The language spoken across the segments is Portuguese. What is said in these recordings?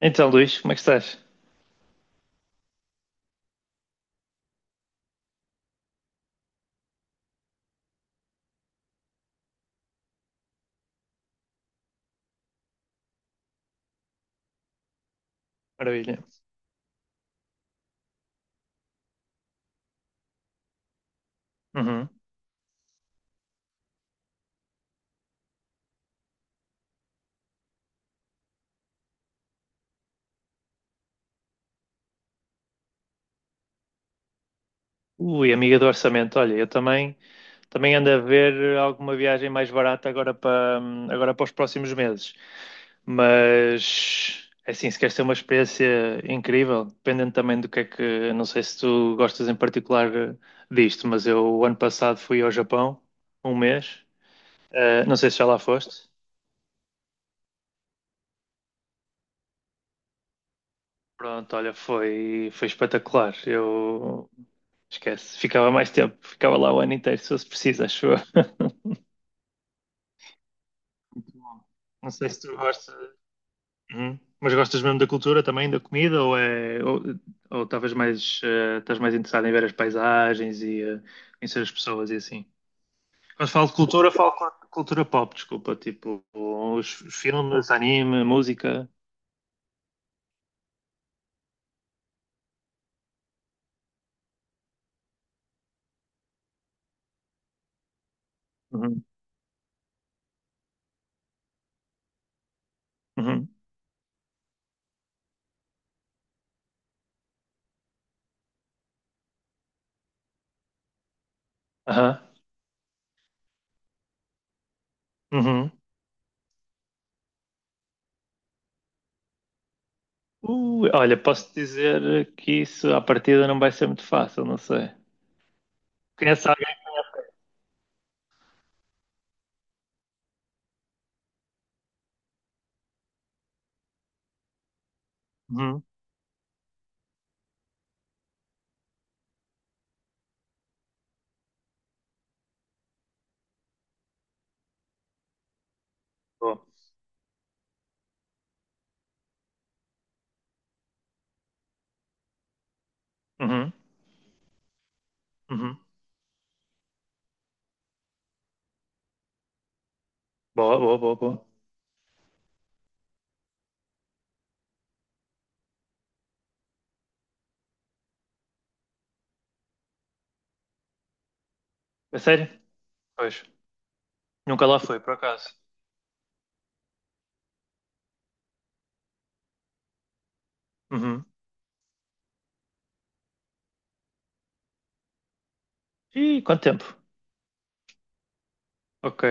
Então, Luís, como é que estás? Maravilha. Uhum. Ui, amiga do orçamento, olha, eu também ando a ver alguma viagem mais barata agora para os próximos meses. Mas, é assim, se queres ter uma experiência incrível, dependendo também do que é que, não sei se tu gostas em particular disto, mas eu, o ano passado, fui ao Japão, um mês. Não sei se já lá foste. Pronto, olha, foi espetacular. Eu Esquece. Ficava mais tempo. Ficava lá o ano inteiro, se fosse preciso, acho eu. Não sei se tu gostas. Uhum. Mas gostas mesmo da cultura também, da comida, ou é ou estavas mais, estás mais interessado em ver as paisagens e em as pessoas e assim? Quando falo de cultura, falo cultura pop, desculpa, tipo os filmes, anime, música. Uhum. Uhum. Aham. Uhum. Olha, posso dizer que isso à partida não vai ser muito fácil, não sei. Conhece alguém? Uhum. Boa. Uhum. Uhum. Boa, boa, boa, boa. É sério? Pois. Nunca lá fui, por acaso. Uhum. Ih, quanto tempo? Ok.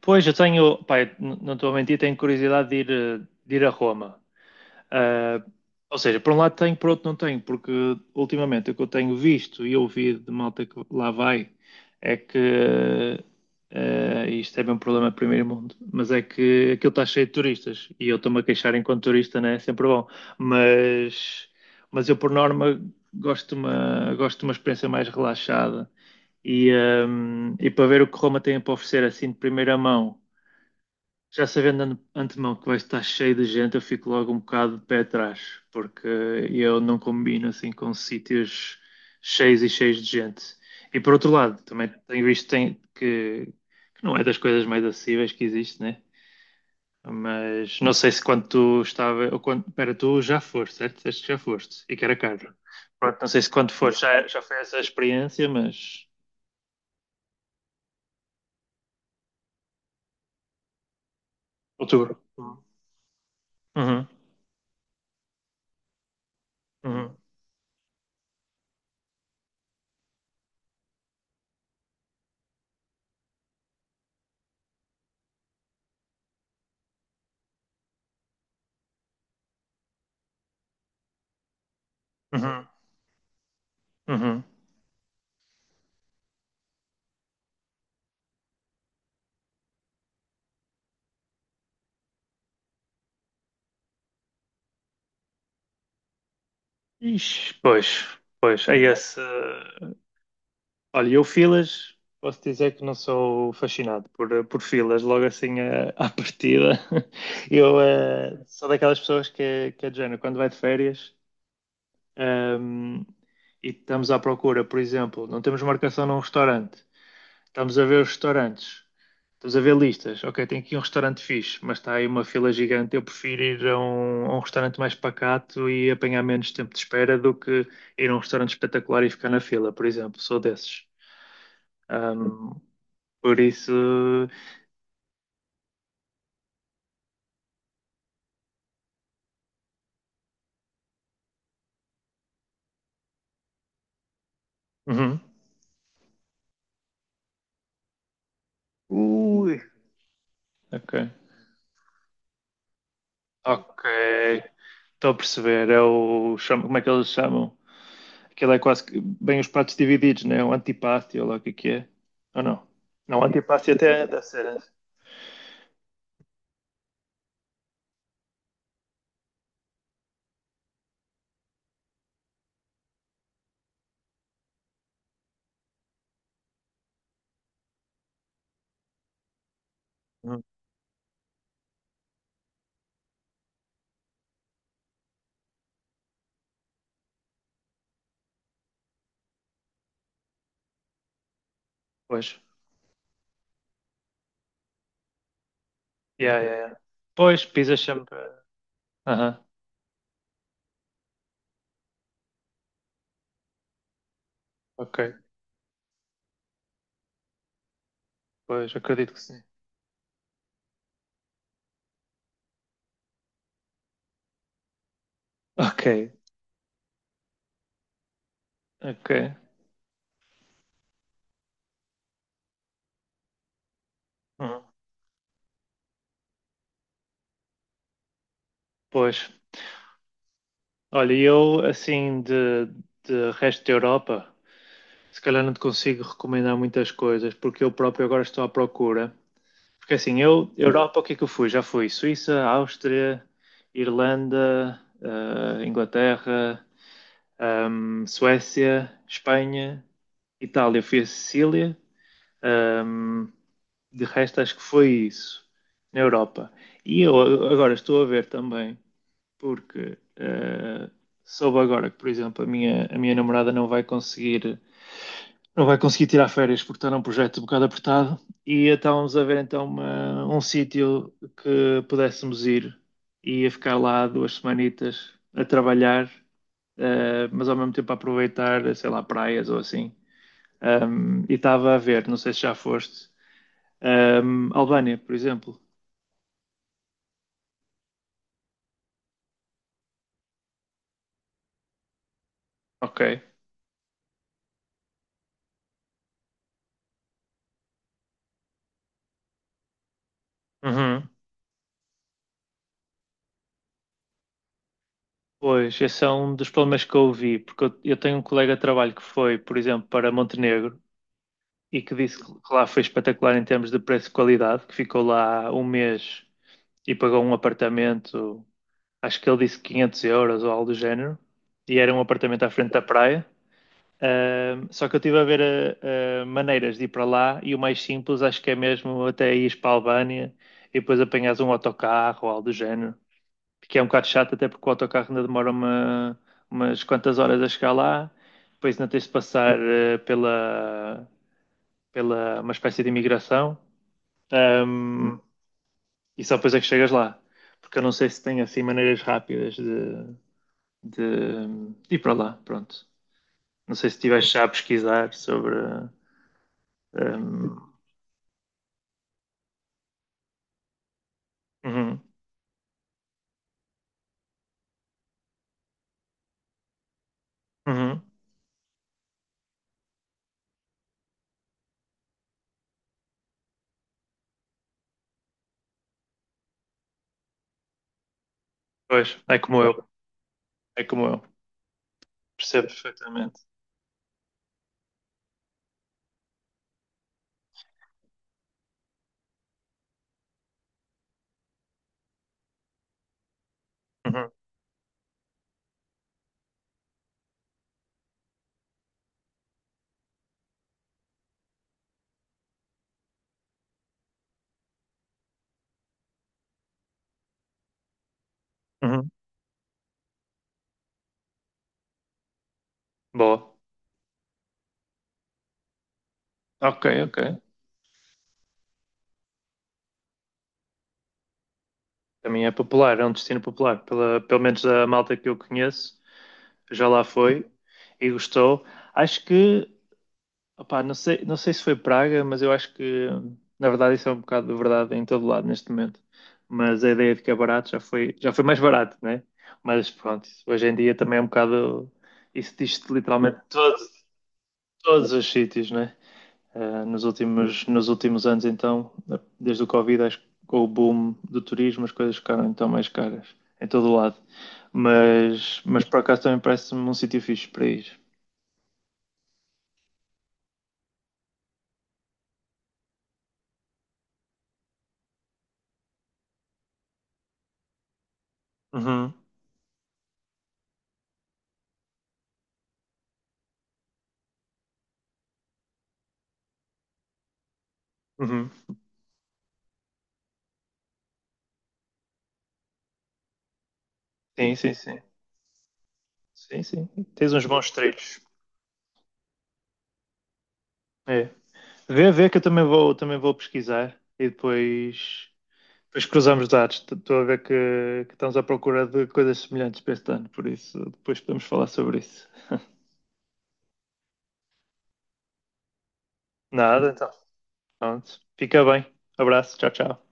Pois, eu tenho. Pai, não estou a mentir, tenho curiosidade de ir a Roma. Ah, ou seja, por um lado tenho, por outro não tenho, porque ultimamente o que eu tenho visto e ouvido de malta que lá vai é que, isto é bem um problema de primeiro mundo, mas é que aquilo está cheio de turistas e eu estou-me a queixar enquanto turista, né? É sempre bom, mas, mas eu por norma gosto de uma experiência mais relaxada. E, ah, e para ver o que Roma tem para oferecer assim de primeira mão já sabendo antemão que vai estar cheio de gente, eu fico logo um bocado de pé atrás, porque eu não combino assim com sítios cheios e cheios de gente. E por outro lado, também tenho visto que não é das coisas mais acessíveis que existe, né? Mas não sei se quando tu estava, ou quando, pera, tu já foste, certo? Disseste que já foste e que era caro. Pronto, não sei se quando foste já foi essa experiência, mas outubro. Uhum, uhum, uhum, uhum. Ixi, pois, pois, é esse. Olha, eu filas, posso dizer que não sou fascinado por filas, logo assim à partida. Eu sou daquelas pessoas que é de género, quando vai de férias, ehm, e estamos à procura, por exemplo, não temos marcação num restaurante. Estamos a ver os restaurantes. Estamos a ver listas. Ok, tem aqui um restaurante fixe, mas está aí uma fila gigante. Eu prefiro ir a um restaurante mais pacato e apanhar menos tempo de espera do que ir a um restaurante espetacular e ficar na fila, por exemplo. Sou desses. Ahm, por isso. Uhum. Ui. Ok. Ok. Estou a perceber. Como é que eles chamam? Aquilo é quase que bem os pratos divididos, né? O antipasti, ou lá o que é que é. Ou não? Não, o antipasti até deve ser. Hum. Pois. Yeah, yeah, yeah. Pois, pisas sempre. Aham, ok. Pois, acredito que sim. Ok, ok. Uhum. Pois. Olha, eu, assim, de resto da Europa, se calhar não te consigo recomendar muitas coisas, porque eu próprio agora estou à procura. Porque assim, eu, Europa, o que é que eu fui? Já fui Suíça, Áustria, Irlanda, Inglaterra, Suécia, Espanha, Itália, fui a Sicília. ehm, de resto, acho que foi isso na Europa. E eu agora estou a ver também, porque soube agora que, por exemplo, a minha namorada não vai conseguir tirar férias porque está num projeto um bocado apertado e estávamos a ver então um sítio que pudéssemos ir e ia ficar lá duas semanitas a trabalhar, mas ao mesmo tempo a aproveitar, sei lá, praias ou assim. E estava a ver, não sei se já foste, Albânia, por exemplo. Ok. Uhum. Pois, esse é um dos problemas que eu ouvi, porque eu tenho um colega de trabalho que foi, por exemplo, para Montenegro e que disse que lá foi espetacular em termos de preço e qualidade, que ficou lá um mês e pagou um apartamento, acho que ele disse 500 € ou algo do género, e era um apartamento à frente da praia. Só que eu estive a ver maneiras de ir para lá e o mais simples acho que é mesmo até ires para a Albânia e depois apanhas um autocarro ou algo do género, que é um bocado chato até porque o autocarro ainda demora umas quantas horas a chegar lá, depois ainda tens de passar pela uma espécie de imigração, um, e só depois é que chegas lá. Porque eu não sei se tem assim maneiras rápidas de, de ir para lá, pronto. Não sei se estiveste já a pesquisar sobre. um, uhum, uhum. Pois, é como eu, percebo perfeitamente. Uhum, uhum. Boa. Ok, ok. Também é popular, é um destino popular. Pelo menos a malta que eu conheço já lá foi e gostou. Acho que Opá, não sei se foi praga, mas eu acho que, na verdade, isso é um bocado de verdade em todo lado neste momento. Mas a ideia de que é barato já foi mais barato, né? Mas pronto, isso hoje em dia também é um bocado. Isso diz-se literalmente de todos os sítios, né? Nos últimos anos, então, desde o Covid, acho que com o boom do turismo, as coisas ficaram então mais caras em todo o lado. Mas por acaso também parece-me um sítio fixe para ir. Uhum, uhum. Sim, sim, sim. Sim, sim. Tens uns bons treinos. É. Vê que eu também vou pesquisar e depois cruzamos dados. Estou a ver que estamos à procura de coisas semelhantes para este ano, por isso depois podemos falar sobre isso. Nada, então. Pronto. Fica bem. Abraço. Tchau, tchau.